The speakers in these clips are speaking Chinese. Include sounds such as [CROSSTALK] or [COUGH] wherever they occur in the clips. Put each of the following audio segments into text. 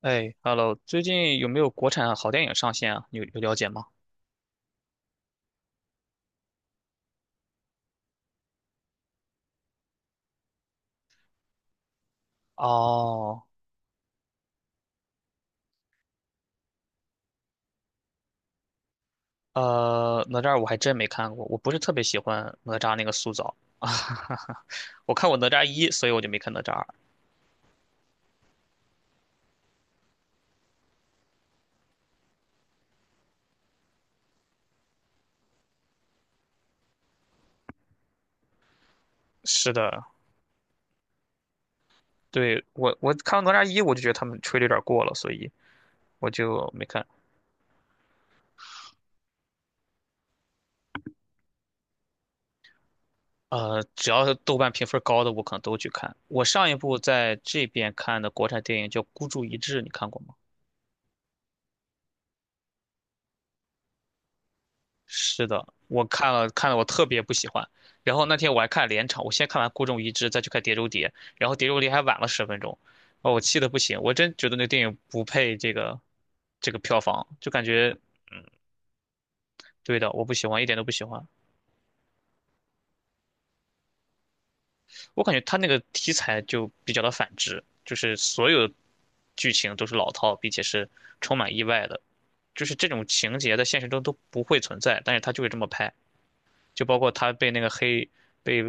哎，Hello，最近有没有国产好电影上线啊？你有了解吗？哦，哪吒我还真没看过，我不是特别喜欢哪吒那个塑造啊，[LAUGHS] 我看过哪吒一，所以我就没看哪吒二。是的，对，我看了哪吒一，我就觉得他们吹的有点过了，所以我就没看。只要是豆瓣评分高的，我可能都去看。我上一部在这边看的国产电影叫《孤注一掷》，你看过吗？是的，我看了看了，我特别不喜欢。然后那天我还看连场，我先看完《孤注一掷》，再去看《碟中谍》，然后《碟中谍》还晚了十分钟，哦，我气得不行，我真觉得那个电影不配这个票房，就感觉对的，我不喜欢，一点都不喜欢。我感觉他那个题材就比较的反直，就是所有剧情都是老套，并且是充满意外的，就是这种情节在现实中都不会存在，但是他就会这么拍。就包括他被那个黑被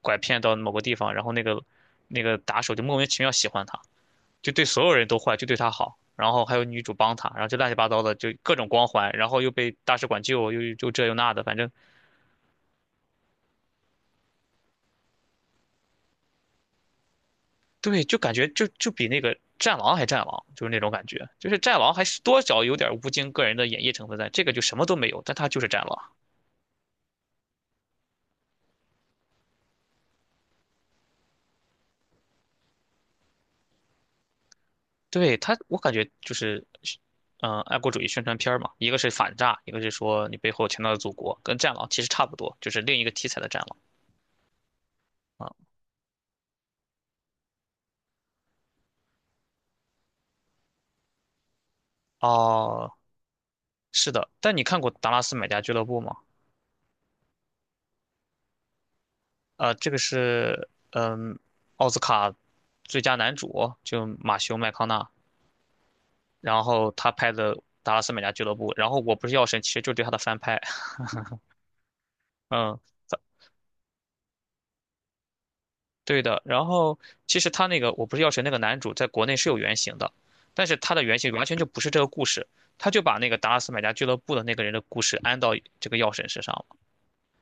拐骗到某个地方，然后那个打手就莫名其妙喜欢他，就对所有人都坏，就对他好。然后还有女主帮他，然后就乱七八糟的，就各种光环，然后又被大使馆救，又这又那的，反正对，就感觉就比那个战狼还战狼，就是那种感觉，就是战狼还是多少有点吴京个人的演绎成分在，这个就什么都没有，但他就是战狼。对他，我感觉就是，嗯、爱国主义宣传片儿嘛，一个是反诈，一个是说你背后强大的祖国，跟《战狼》其实差不多，就是另一个题材的《战狼》啊。哦，是的，但你看过《达拉斯买家俱乐部》吗？这个是嗯，奥斯卡最佳男主就马修麦康纳，然后他拍的《达拉斯买家俱乐部》，然后我不是药神，其实就是对他的翻拍，[LAUGHS] 嗯。对的，然后其实他那个我不是药神那个男主在国内是有原型的，但是他的原型完全就不是这个故事，他就把那个达拉斯买家俱乐部的那个人的故事安到这个药神身上了，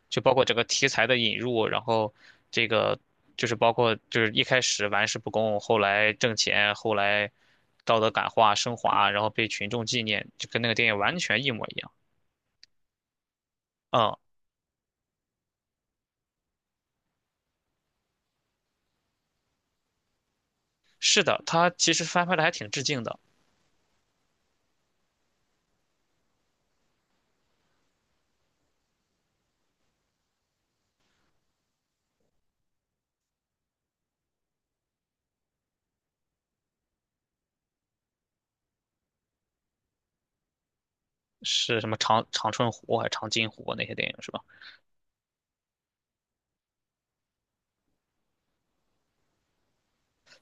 就包括整个题材的引入，然后这个就是包括就是一开始玩世不恭，后来挣钱，后来道德感化升华，然后被群众纪念，就跟那个电影完全一模一样。嗯，是的，他其实翻拍的还挺致敬的，是什么长春湖还是长津湖啊那些电影是吧？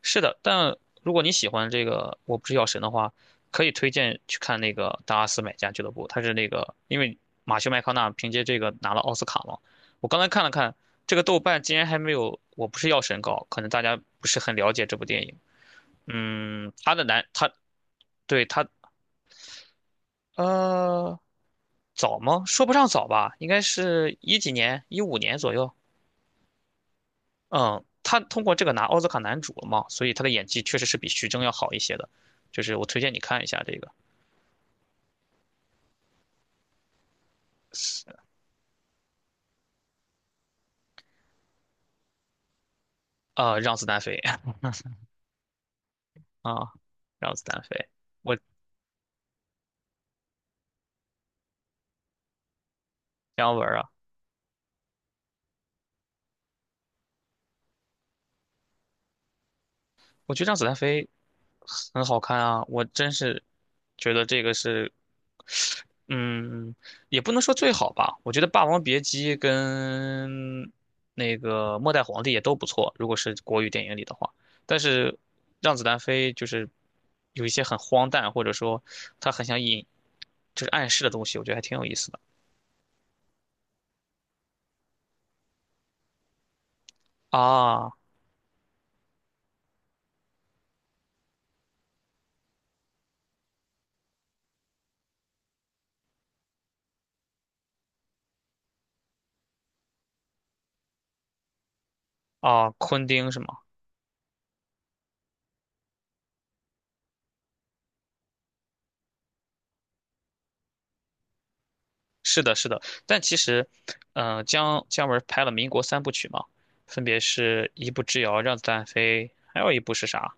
是的，但如果你喜欢这个《我不是药神》的话，可以推荐去看那个《达拉斯买家俱乐部》，它是那个因为马修麦康纳凭借这个拿了奥斯卡嘛。我刚才看了看，这个豆瓣竟然还没有《我不是药神》高，可能大家不是很了解这部电影。嗯，他的男他对他呃早吗？说不上早吧，应该是一几年，一五年左右。嗯，他通过这个拿奥斯卡男主了嘛，所以他的演技确实是比徐峥要好一些的，就是我推荐你看一下这个，让子弹飞 [LAUGHS] 啊，让子弹飞，我姜文儿啊，我觉得让子弹飞很好看啊，我真是觉得这个是，嗯，也不能说最好吧。我觉得《霸王别姬》跟那个《末代皇帝》也都不错，如果是国语电影里的话。但是让子弹飞就是有一些很荒诞，或者说他很想引，就是暗示的东西，我觉得还挺有意思的啊啊，昆汀是吗？是的，是的，但其实，嗯、姜文拍了民国三部曲嘛，分别是一部《之遥》《让子弹飞》，还有一部是啥？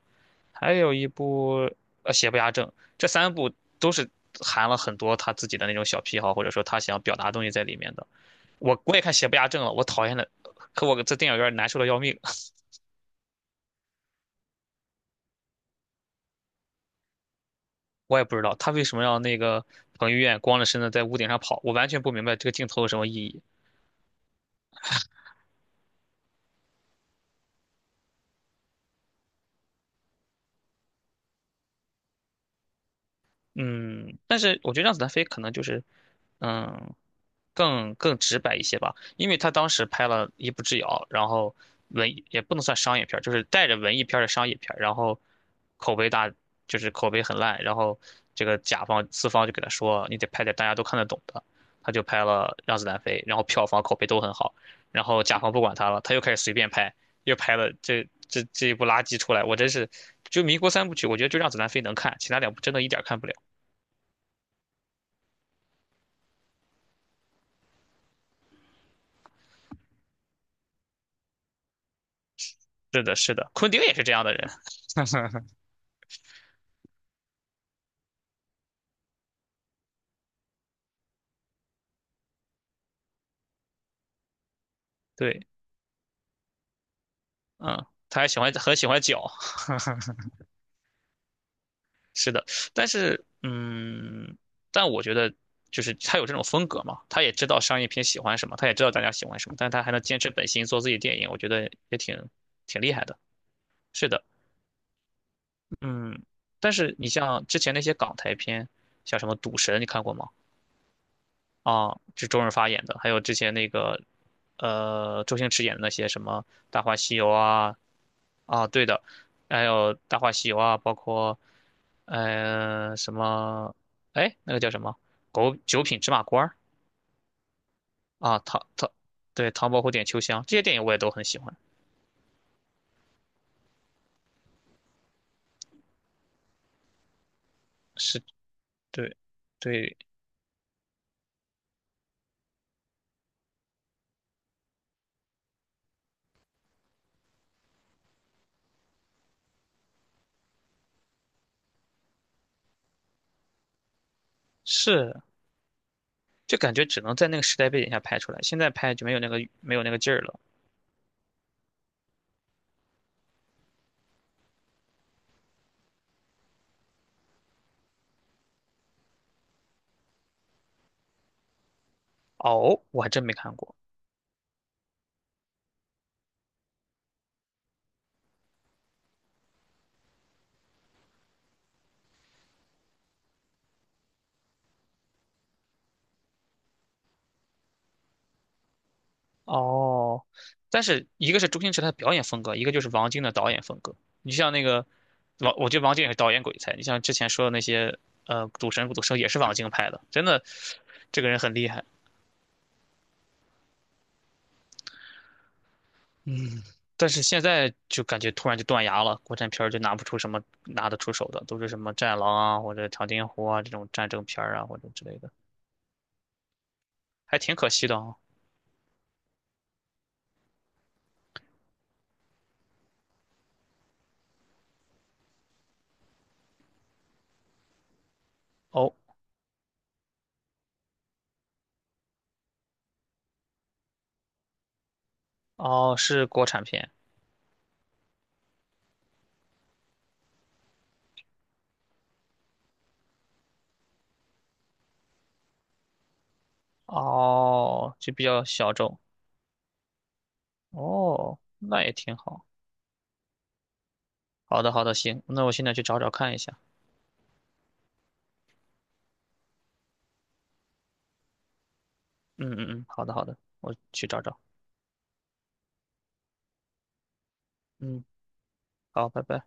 还有一部《邪不压正》。这三部都是含了很多他自己的那种小癖好，或者说他想表达东西在里面的。我也看《邪不压正》了，我讨厌的，可我在电影院难受的要命。[LAUGHS] 我也不知道他为什么让那个彭于晏光着身子在屋顶上跑，我完全不明白这个镜头有什么意义。嗯，但是我觉得让子弹飞可能就是，嗯，更直白一些吧，因为他当时拍了《一步之遥》，然后文艺也不能算商业片儿就是带着文艺片儿的商业片儿然后口碑大，就是口碑很烂，然后这个甲方资方就给他说，你得拍点大家都看得懂的，他就拍了《让子弹飞》，然后票房口碑都很好，然后甲方不管他了，他又开始随便拍，又拍了这一部垃圾出来，我真是，就民国三部曲，我觉得就《让子弹飞》能看，其他两部真的一点儿看不了。是的，是的，昆汀也是这样的人。[LAUGHS] 对，嗯，他还喜欢很喜欢脚，[LAUGHS] 是的，但是嗯，但我觉得就是他有这种风格嘛，他也知道商业片喜欢什么，他也知道大家喜欢什么，但是他还能坚持本心做自己的电影，我觉得也挺厉害的。是的，嗯，但是你像之前那些港台片，像什么《赌神》，你看过吗？啊，就周润发演的，还有之前那个，周星驰演的那些什么《大话西游》啊，啊，对的，还有《大话西游》啊，包括呃什么，哎，那个叫什么《狗九品芝麻官》儿啊，对唐伯虎点秋香这些电影我也都很喜欢，是，对，对，是，就感觉只能在那个时代背景下拍出来，现在拍就没有那个劲儿了。哦，我还真没看过。哦，但是一个是周星驰他的表演风格，一个就是王晶的导演风格。你像那个王，我觉得王晶也是导演鬼才。你像之前说的那些，赌神、赌圣也是王晶拍的，真的，这个人很厉害。但是现在就感觉突然就断崖了，国产片儿就拿不出什么拿得出手的，都是什么《战狼》啊，或者《长津湖》啊这种战争片儿啊，或者之类的，还挺可惜的啊。哦哦，是国产片哦，就比较小众哦，那也挺好。好的，好的，行，那我现在去找找看一下。嗯，好的，好的，我去找找。嗯，好，拜拜。